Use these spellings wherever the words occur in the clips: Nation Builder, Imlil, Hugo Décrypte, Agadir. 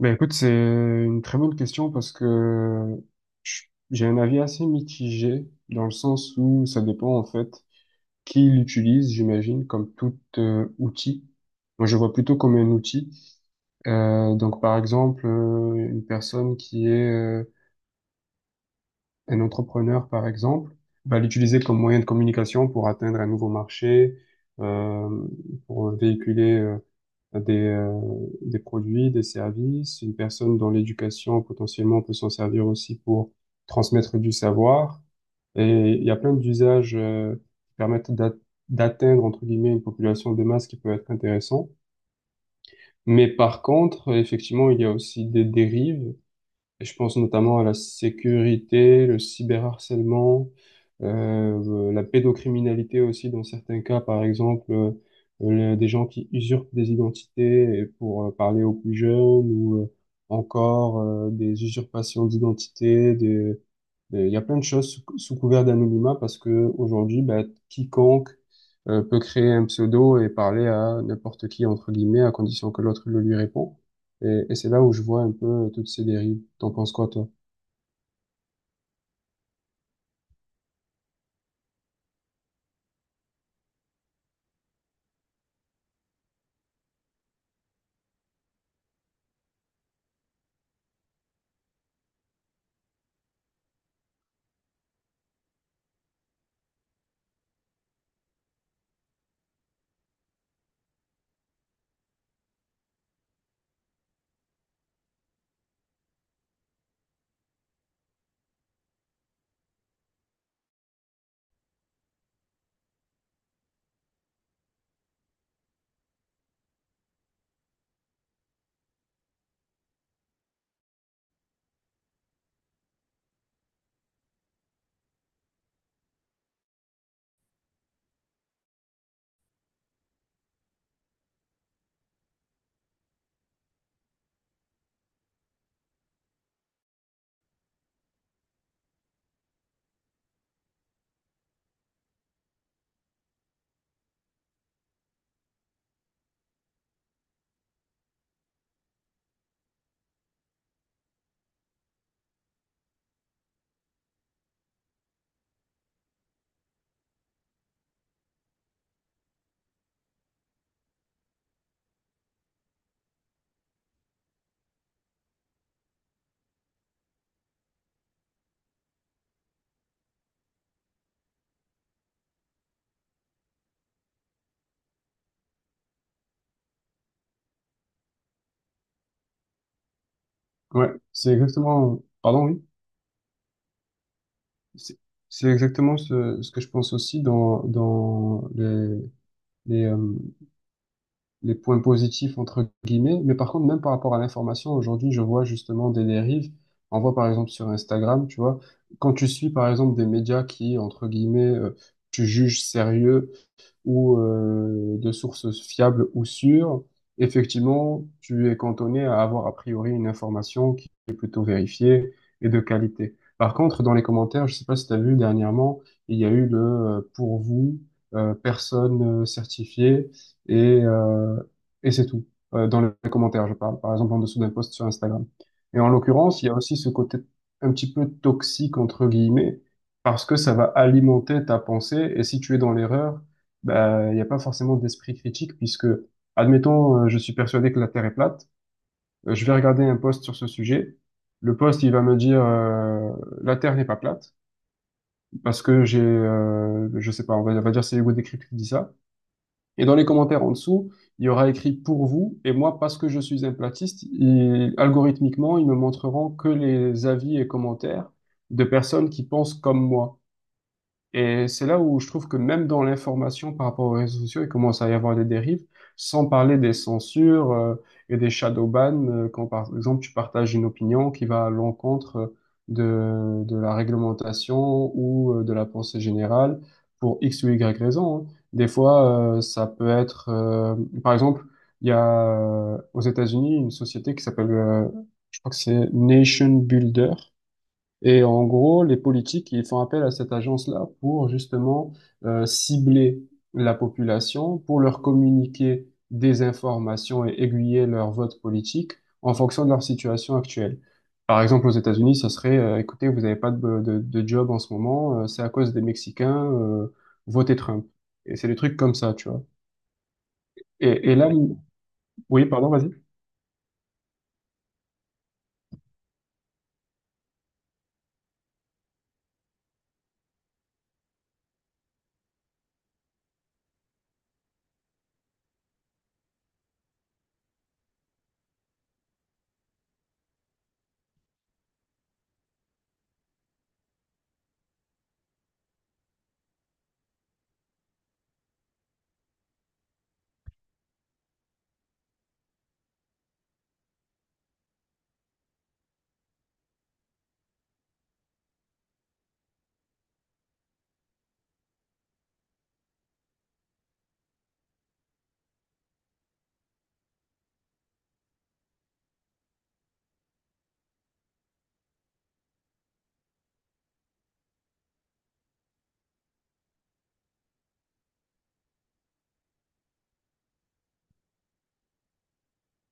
Ben écoute, c'est une très bonne question parce que j'ai un avis assez mitigé dans le sens où ça dépend en fait qui l'utilise, j'imagine, comme tout outil. Moi, je vois plutôt comme un outil. Donc, par exemple, une personne qui est un entrepreneur, par exemple, va l'utiliser comme moyen de communication pour atteindre un nouveau marché, euh, pour véhiculer des, euh, des produits, des services. Une personne dans l'éducation, potentiellement, peut s'en servir aussi pour transmettre du savoir. Et il y a plein d'usages qui d'atteindre, entre guillemets, une population de masse qui peut être intéressant. Mais par contre, effectivement, il y a aussi des dérives et je pense notamment à la sécurité, le cyberharcèlement, la pédocriminalité aussi dans certains cas, par exemple, des gens qui usurpent des identités et pour parler aux plus jeunes ou encore des usurpations d'identité, des, et il y a plein de choses sous couvert d'anonymat parce que aujourd'hui, bah, quiconque peut créer un pseudo et parler à n'importe qui, entre guillemets, à condition que l'autre le lui répond. Et c'est là où je vois un peu toutes ces dérives. T'en penses quoi, toi? Ouais, c'est exactement, pardon, oui, c'est c'est exactement ce que je pense aussi dans les, euh, les points positifs, entre guillemets. Mais par contre, même par rapport à l'information, aujourd'hui, je vois justement des dérives. On voit par exemple sur Instagram, tu vois, quand tu suis par exemple des médias qui, entre guillemets, tu juges sérieux ou de sources fiables ou sûres, effectivement, tu es cantonné à avoir a priori une information qui est plutôt vérifiée et de qualité. Par contre, dans les commentaires, je sais pas si tu as vu dernièrement, il y a eu le pour vous, personne certifiée et, euh, et c'est tout. Dans les commentaires, je parle, par exemple en dessous d'un post sur Instagram. Et en l'occurrence, il y a aussi ce côté un petit peu toxique, entre guillemets, parce que ça va alimenter ta pensée. Et si tu es dans l'erreur, ben il n'y a pas forcément d'esprit critique puisque, admettons, je suis persuadé que la Terre est plate, je vais regarder un post sur ce sujet. Le post, il va me dire la Terre n'est pas plate parce que j'ai, je sais pas, on va dire c'est Hugo Décrypte qui dit ça. Et dans les commentaires en dessous, il y aura écrit pour vous et moi parce que je suis un platiste, algorithmiquement, ils me montreront que les avis et commentaires de personnes qui pensent comme moi. Et c'est là où je trouve que même dans l'information par rapport aux réseaux sociaux, il commence à y avoir des dérives, sans parler des censures et des shadow bans, quand par exemple tu partages une opinion qui va à l'encontre de la réglementation ou de la pensée générale pour X ou Y raison, hein. Des fois, ça peut être, par exemple, il y a aux États-Unis une société qui s'appelle, je crois que c'est Nation Builder et en gros, les politiques, ils font appel à cette agence-là pour justement cibler la population, pour leur communiquer des informations et aiguiller leur vote politique en fonction de leur situation actuelle. Par exemple, aux États-Unis, ça serait, écoutez, vous n'avez pas de job en ce moment, c'est à cause des Mexicains, votez Trump. Et c'est des trucs comme ça, tu vois. Et là, oui, pardon, vas-y.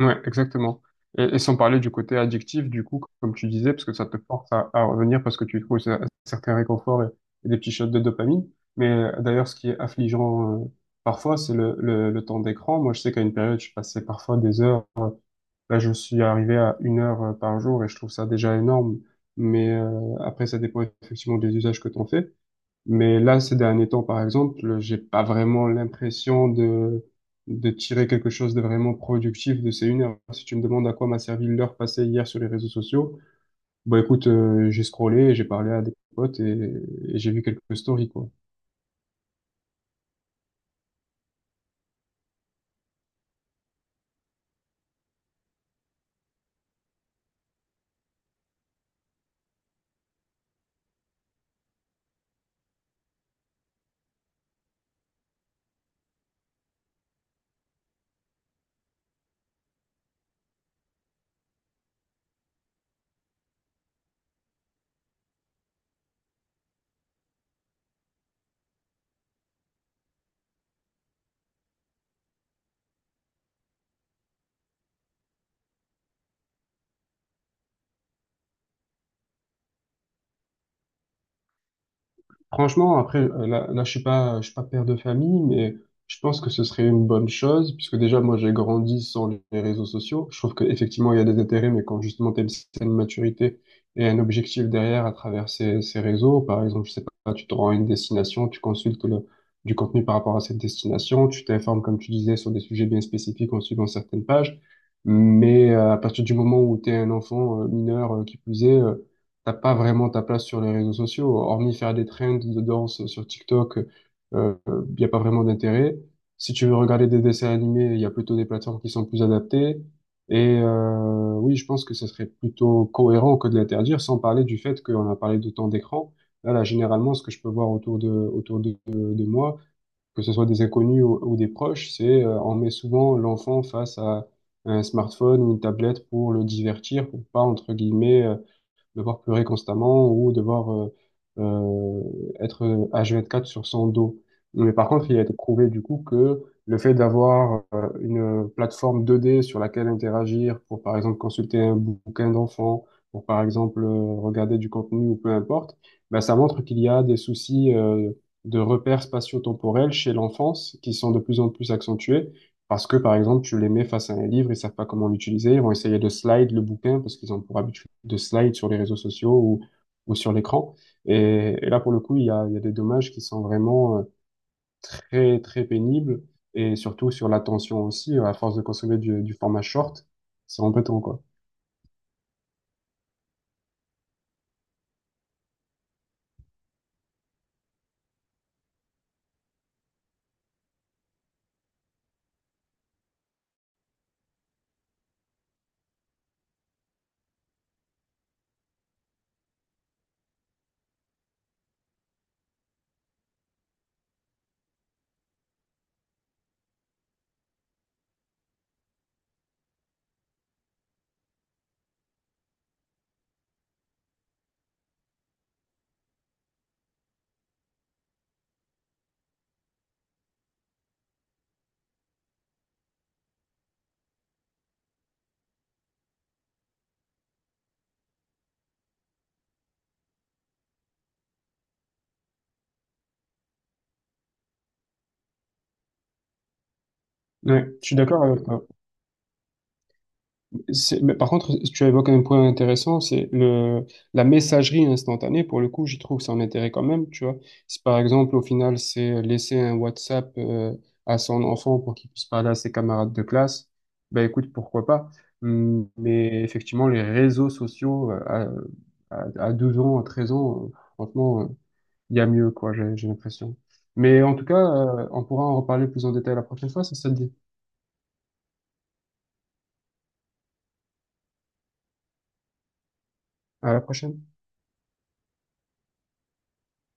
Ouais, exactement. Et sans parler du côté addictif, du coup, comme tu disais, parce que ça te force à revenir parce que tu trouves un certain réconfort et des petits shots de dopamine. Mais d'ailleurs, ce qui est affligeant parfois, c'est le temps d'écran. Moi, je sais qu'à une période, je passais parfois des heures. Là, je suis arrivé à une heure par jour et je trouve ça déjà énorme. Mais après, ça dépend effectivement des usages que tu en fais. Mais là, ces derniers temps, par exemple, j'ai pas vraiment l'impression de tirer quelque chose de vraiment productif de ces une heure. Si tu me demandes à quoi m'a servi l'heure passée hier sur les réseaux sociaux, bah écoute, j'ai scrollé, j'ai parlé à des potes et j'ai vu quelques stories, quoi. Franchement, après, je suis pas père de famille, mais je pense que ce serait une bonne chose, puisque déjà, moi, j'ai grandi sans les réseaux sociaux. Je trouve qu'effectivement, il y a des intérêts, mais quand justement, tu as une certaine maturité et un objectif derrière à travers ces réseaux, par exemple, je sais pas, tu te rends à une destination, tu consultes le, du contenu par rapport à cette destination, tu t'informes, comme tu disais, sur des sujets bien spécifiques en suivant certaines pages. Mais à partir du moment où tu es un enfant mineur, qui plus est, t'as pas vraiment ta place sur les réseaux sociaux, hormis faire des trends de danse sur TikTok, il n'y a pas vraiment d'intérêt. Si tu veux regarder des dessins animés, il y a plutôt des plateformes qui sont plus adaptées. Et oui, je pense que ça serait plutôt cohérent que de l'interdire, sans parler du fait qu'on a parlé de temps d'écran. Généralement, ce que je peux voir de moi, que ce soit des inconnus ou des proches, c'est on met souvent l'enfant face à un smartphone ou une tablette pour le divertir, pour pas, entre guillemets, devoir pleurer constamment ou devoir euh, être H24 sur son dos. Mais par contre, il a été prouvé du coup que le fait d'avoir une plateforme 2D sur laquelle interagir pour, par exemple, consulter un bouquin d'enfant, pour, par exemple, regarder du contenu ou peu importe, ben, ça montre qu'il y a des soucis de repères spatio-temporels chez l'enfance qui sont de plus en plus accentués parce que, par exemple, tu les mets face à un livre, ils savent pas comment l'utiliser, ils vont essayer de slide le bouquin parce qu'ils ont pour habitude de slide sur les réseaux sociaux ou sur l'écran. Et là, pour le coup, il y a des dommages qui sont vraiment très, très pénibles et surtout sur l'attention aussi, à force de consommer du format short, c'est embêtant, quoi. Ouais, je suis d'accord avec toi. C'est- mais par contre, tu évoques un point intéressant, c'est le la messagerie instantanée. Pour le coup, j'y trouve son intérêt quand même, tu vois. Si par exemple, au final, c'est laisser un WhatsApp à son enfant pour qu'il puisse parler à ses camarades de classe, ben écoute, pourquoi pas. Mais effectivement, les réseaux sociaux à 12 ans, à 13 ans, franchement, il y a mieux, quoi, j'ai l'impression. Mais en tout cas, on pourra en reparler plus en détail la prochaine fois, si ça te dit. À la prochaine.